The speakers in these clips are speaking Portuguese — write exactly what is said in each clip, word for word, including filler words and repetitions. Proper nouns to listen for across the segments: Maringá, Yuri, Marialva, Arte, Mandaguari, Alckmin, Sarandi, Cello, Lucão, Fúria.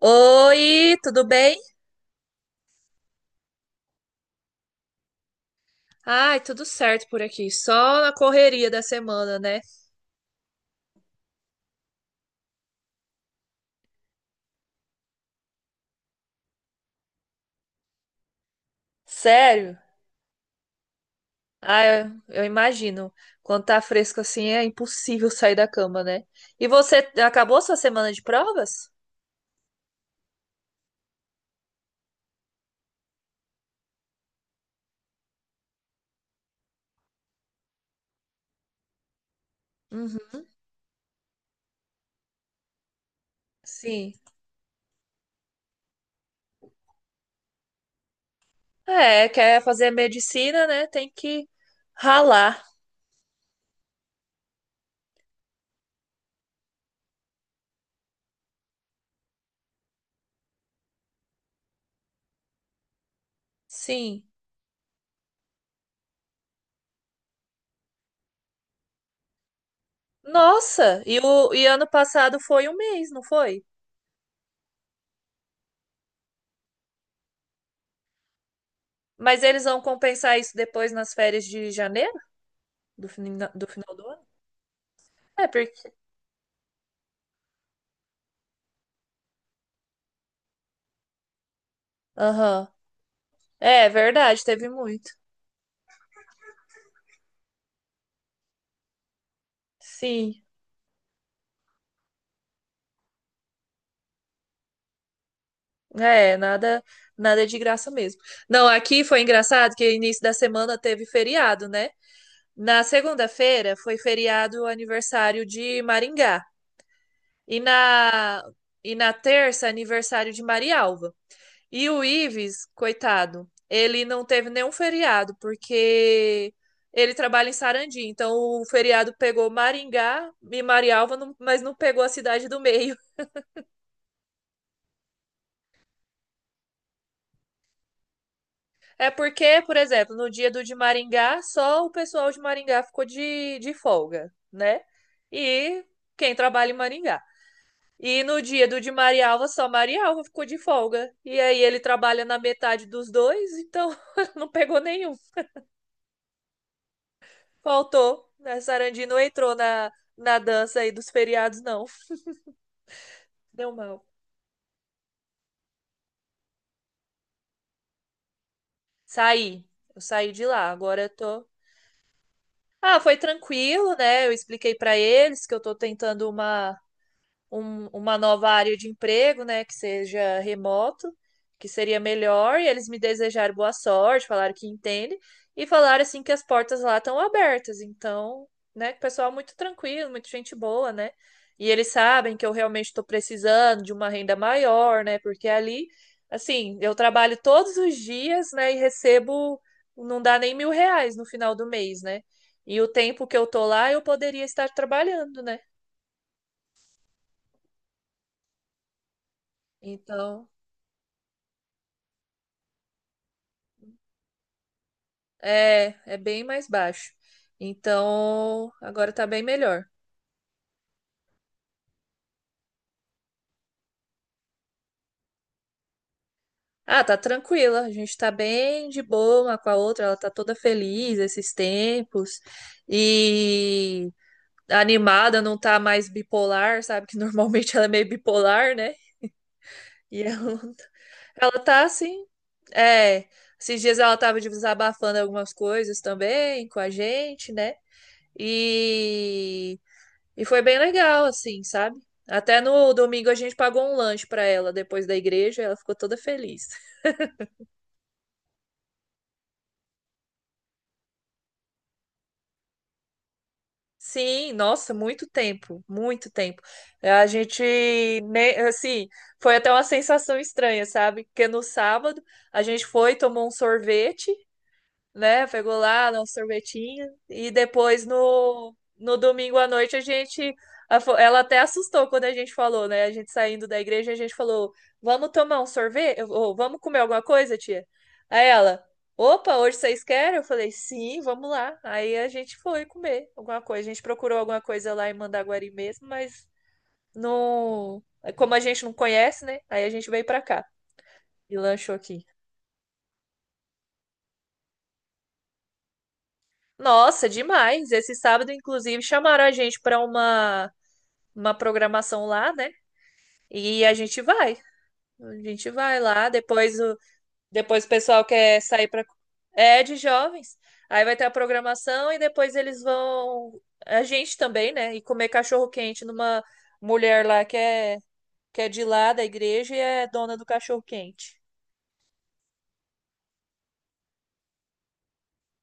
Oi, tudo bem? Ai, tudo certo por aqui. Só na correria da semana, né? Sério? Ah, eu, eu imagino. Quando tá fresco assim, é impossível sair da cama, né? E você acabou sua semana de provas? Uhum. Sim. É, quer fazer medicina, né? Tem que ralar. Sim. Nossa, e o e ano passado foi um mês, não foi? Mas eles vão compensar isso depois nas férias de janeiro, do, fina- do final do ano? É, porque. Aham. É, verdade, teve muito. Sim. É, nada, nada é de graça mesmo. Não, aqui foi engraçado que início da semana teve feriado, né? Na segunda-feira foi feriado o aniversário de Maringá. E na e na terça aniversário de Marialva. E o Ives, coitado, ele não teve nenhum feriado porque ele trabalha em Sarandi, então o feriado pegou Maringá e Marialva, não- mas não pegou a cidade do meio. É porque, por exemplo, no dia do de Maringá, só o pessoal de Maringá ficou de, de folga, né? E quem trabalha em Maringá. E no dia do de Marialva, só Marialva ficou de folga. E aí ele trabalha na metade dos dois, então não pegou nenhum. Faltou. A Sarandi não entrou na, na dança aí dos feriados, não. Deu mal. Saí. Eu saí de lá. Agora eu tô. Ah, foi tranquilo, né? Eu expliquei pra eles que eu tô tentando uma um- uma nova área de emprego, né, que seja remoto, que seria melhor, e eles me desejaram boa sorte, falaram que entendem, e falaram assim que as portas lá estão abertas. Então, né, que o pessoal é muito tranquilo, muito gente boa, né? E eles sabem que eu realmente estou precisando de uma renda maior, né? Porque ali, assim, eu trabalho todos os dias, né, e recebo, não dá nem mil reais no final do mês, né? E o tempo que eu tô lá, eu poderia estar trabalhando, né? Então, é, é bem mais baixo. Então, agora tá bem melhor. Ah, tá tranquila. A gente tá bem de boa uma com a outra. Ela tá toda feliz esses tempos. E animada, não tá mais bipolar, sabe? Que normalmente ela é meio bipolar, né? E ela, não tá- ela tá assim. É, esses dias ela tava desabafando algumas coisas também com a gente, né? E E foi bem legal, assim, sabe? Até no domingo a gente pagou um lanche para ela depois da igreja, ela ficou toda feliz. Sim, nossa, muito tempo, muito tempo. A gente, né, assim, foi até uma sensação estranha, sabe? Porque no sábado a gente foi, tomou um sorvete, né? Pegou lá um sorvetinho e depois no, no domingo à noite a gente a fo- ela até assustou quando a gente falou, né? A gente saindo da igreja, a gente falou: "Vamos tomar um sorvete? Ou vamos comer alguma coisa, tia?" Aí ela: "Opa, hoje vocês querem?" Eu falei: "Sim, vamos lá". Aí a gente foi comer alguma coisa. A gente procurou alguma coisa lá em Mandaguari mesmo, mas não, como a gente não conhece, né? Aí a gente veio pra cá e lanchou aqui. Nossa, demais. Esse sábado, inclusive, chamaram a gente para uma, uma programação lá, né? E a gente vai. A gente vai lá. Depois o, depois o pessoal quer sair para. É de jovens. Aí vai ter a programação e depois eles vão. A gente também, né? E comer cachorro-quente numa mulher lá que é, que é de lá da igreja e é dona do cachorro-quente.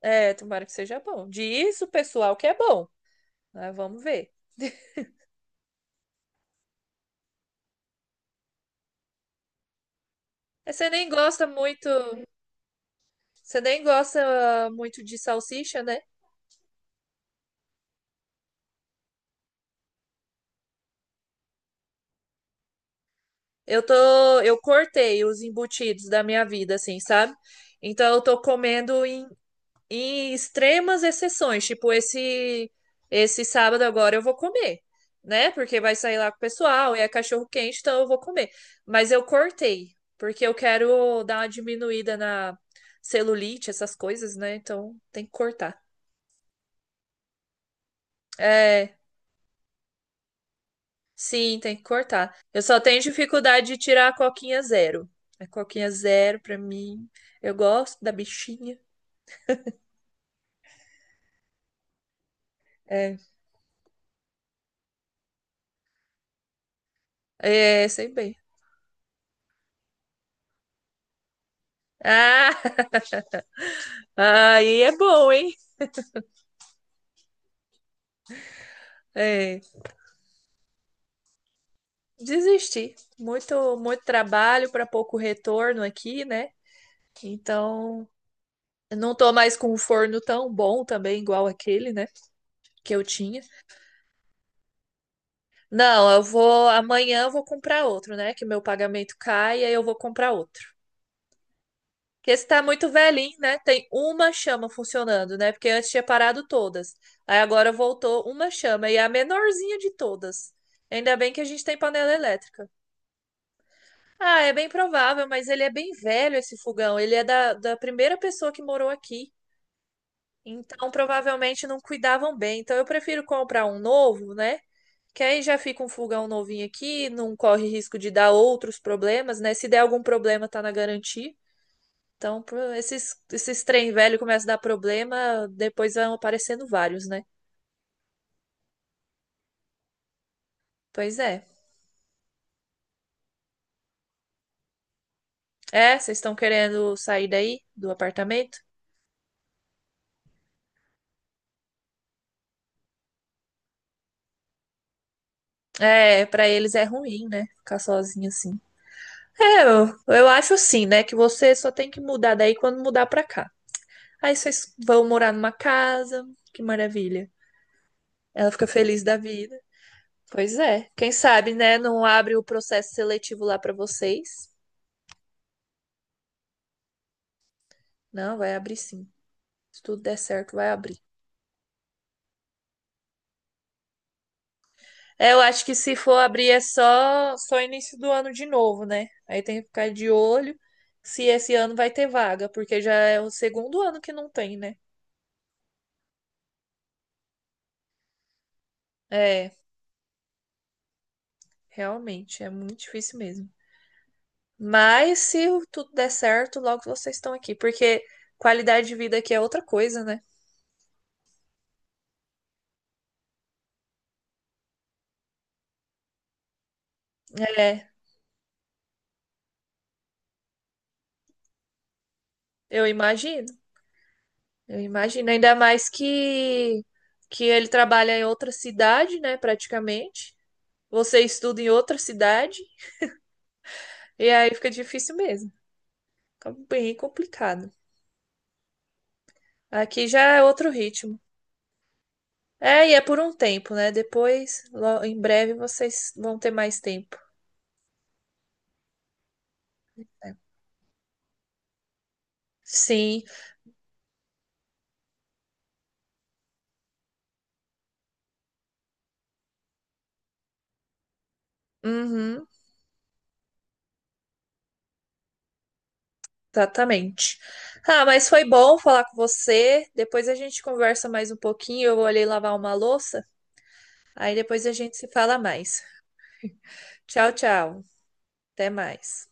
É, tomara que seja bom. Diz o pessoal que é bom. Mas vamos ver. Você nem gosta muito. Você nem gosta muito de salsicha, né? Eu tô, eu cortei os embutidos da minha vida, assim, sabe? Então eu tô comendo em, em extremas exceções, tipo esse esse sábado agora eu vou comer, né? Porque vai sair lá com o pessoal e é cachorro quente, então eu vou comer. Mas eu cortei, porque eu quero dar uma diminuída na celulite, essas coisas, né? Então tem que cortar. É, sim, tem que cortar. Eu só tenho dificuldade de tirar a coquinha zero. A coquinha zero, pra mim. Eu gosto da bichinha. É, é, sei bem. Ah, aí é bom, hein? É, desisti. Muito, muito trabalho para pouco retorno aqui, né? Então, eu não tô mais com um forno tão bom também, igual aquele, né? Que eu tinha. Não, eu vou. Amanhã eu vou comprar outro, né? Que meu pagamento cai, e aí eu vou comprar outro. Porque esse tá muito velhinho, né? Tem uma chama funcionando, né? Porque antes tinha parado todas. Aí agora voltou uma chama e é a menorzinha de todas. Ainda bem que a gente tem panela elétrica. Ah, é bem provável, mas ele é bem velho esse fogão. Ele é da, da primeira pessoa que morou aqui. Então provavelmente não cuidavam bem. Então eu prefiro comprar um novo, né? Que aí já fica um fogão novinho aqui, não corre risco de dar outros problemas, né? Se der algum problema, tá na garantia. Então, pro- esses, esses trem velho começam a dar problema, depois vão aparecendo vários, né? Pois é. É, vocês estão querendo sair daí do apartamento? É, pra eles é ruim, né? Ficar sozinho assim. É, eu, eu acho assim, né? Que você só tem que mudar daí quando mudar pra cá. Aí vocês vão morar numa casa, que maravilha. Ela fica feliz da vida. Pois é. Quem sabe, né? Não abre o processo seletivo lá pra vocês. Não, vai abrir sim. Se tudo der certo, vai abrir. É, eu acho que se for abrir é só só início do ano de novo, né? Aí tem que ficar de olho se esse ano vai ter vaga, porque já é o segundo ano que não tem, né? É, realmente, é muito difícil mesmo. Mas se o- tudo der certo, logo vocês estão aqui, porque qualidade de vida aqui é outra coisa, né? É, eu imagino. Eu imagino, ainda mais que que ele trabalha em outra cidade, né, praticamente. Você estuda em outra cidade e aí fica difícil mesmo. Fica bem complicado. Aqui já é outro ritmo. É, e é por um tempo, né? Depois, lo- em breve, vocês vão ter mais tempo. Né? Sim, uhum, exatamente. Ah, mas foi bom falar com você. Depois a gente conversa mais um pouquinho. Eu vou ali lavar uma louça. Aí depois a gente se fala mais. Tchau, tchau. Até mais.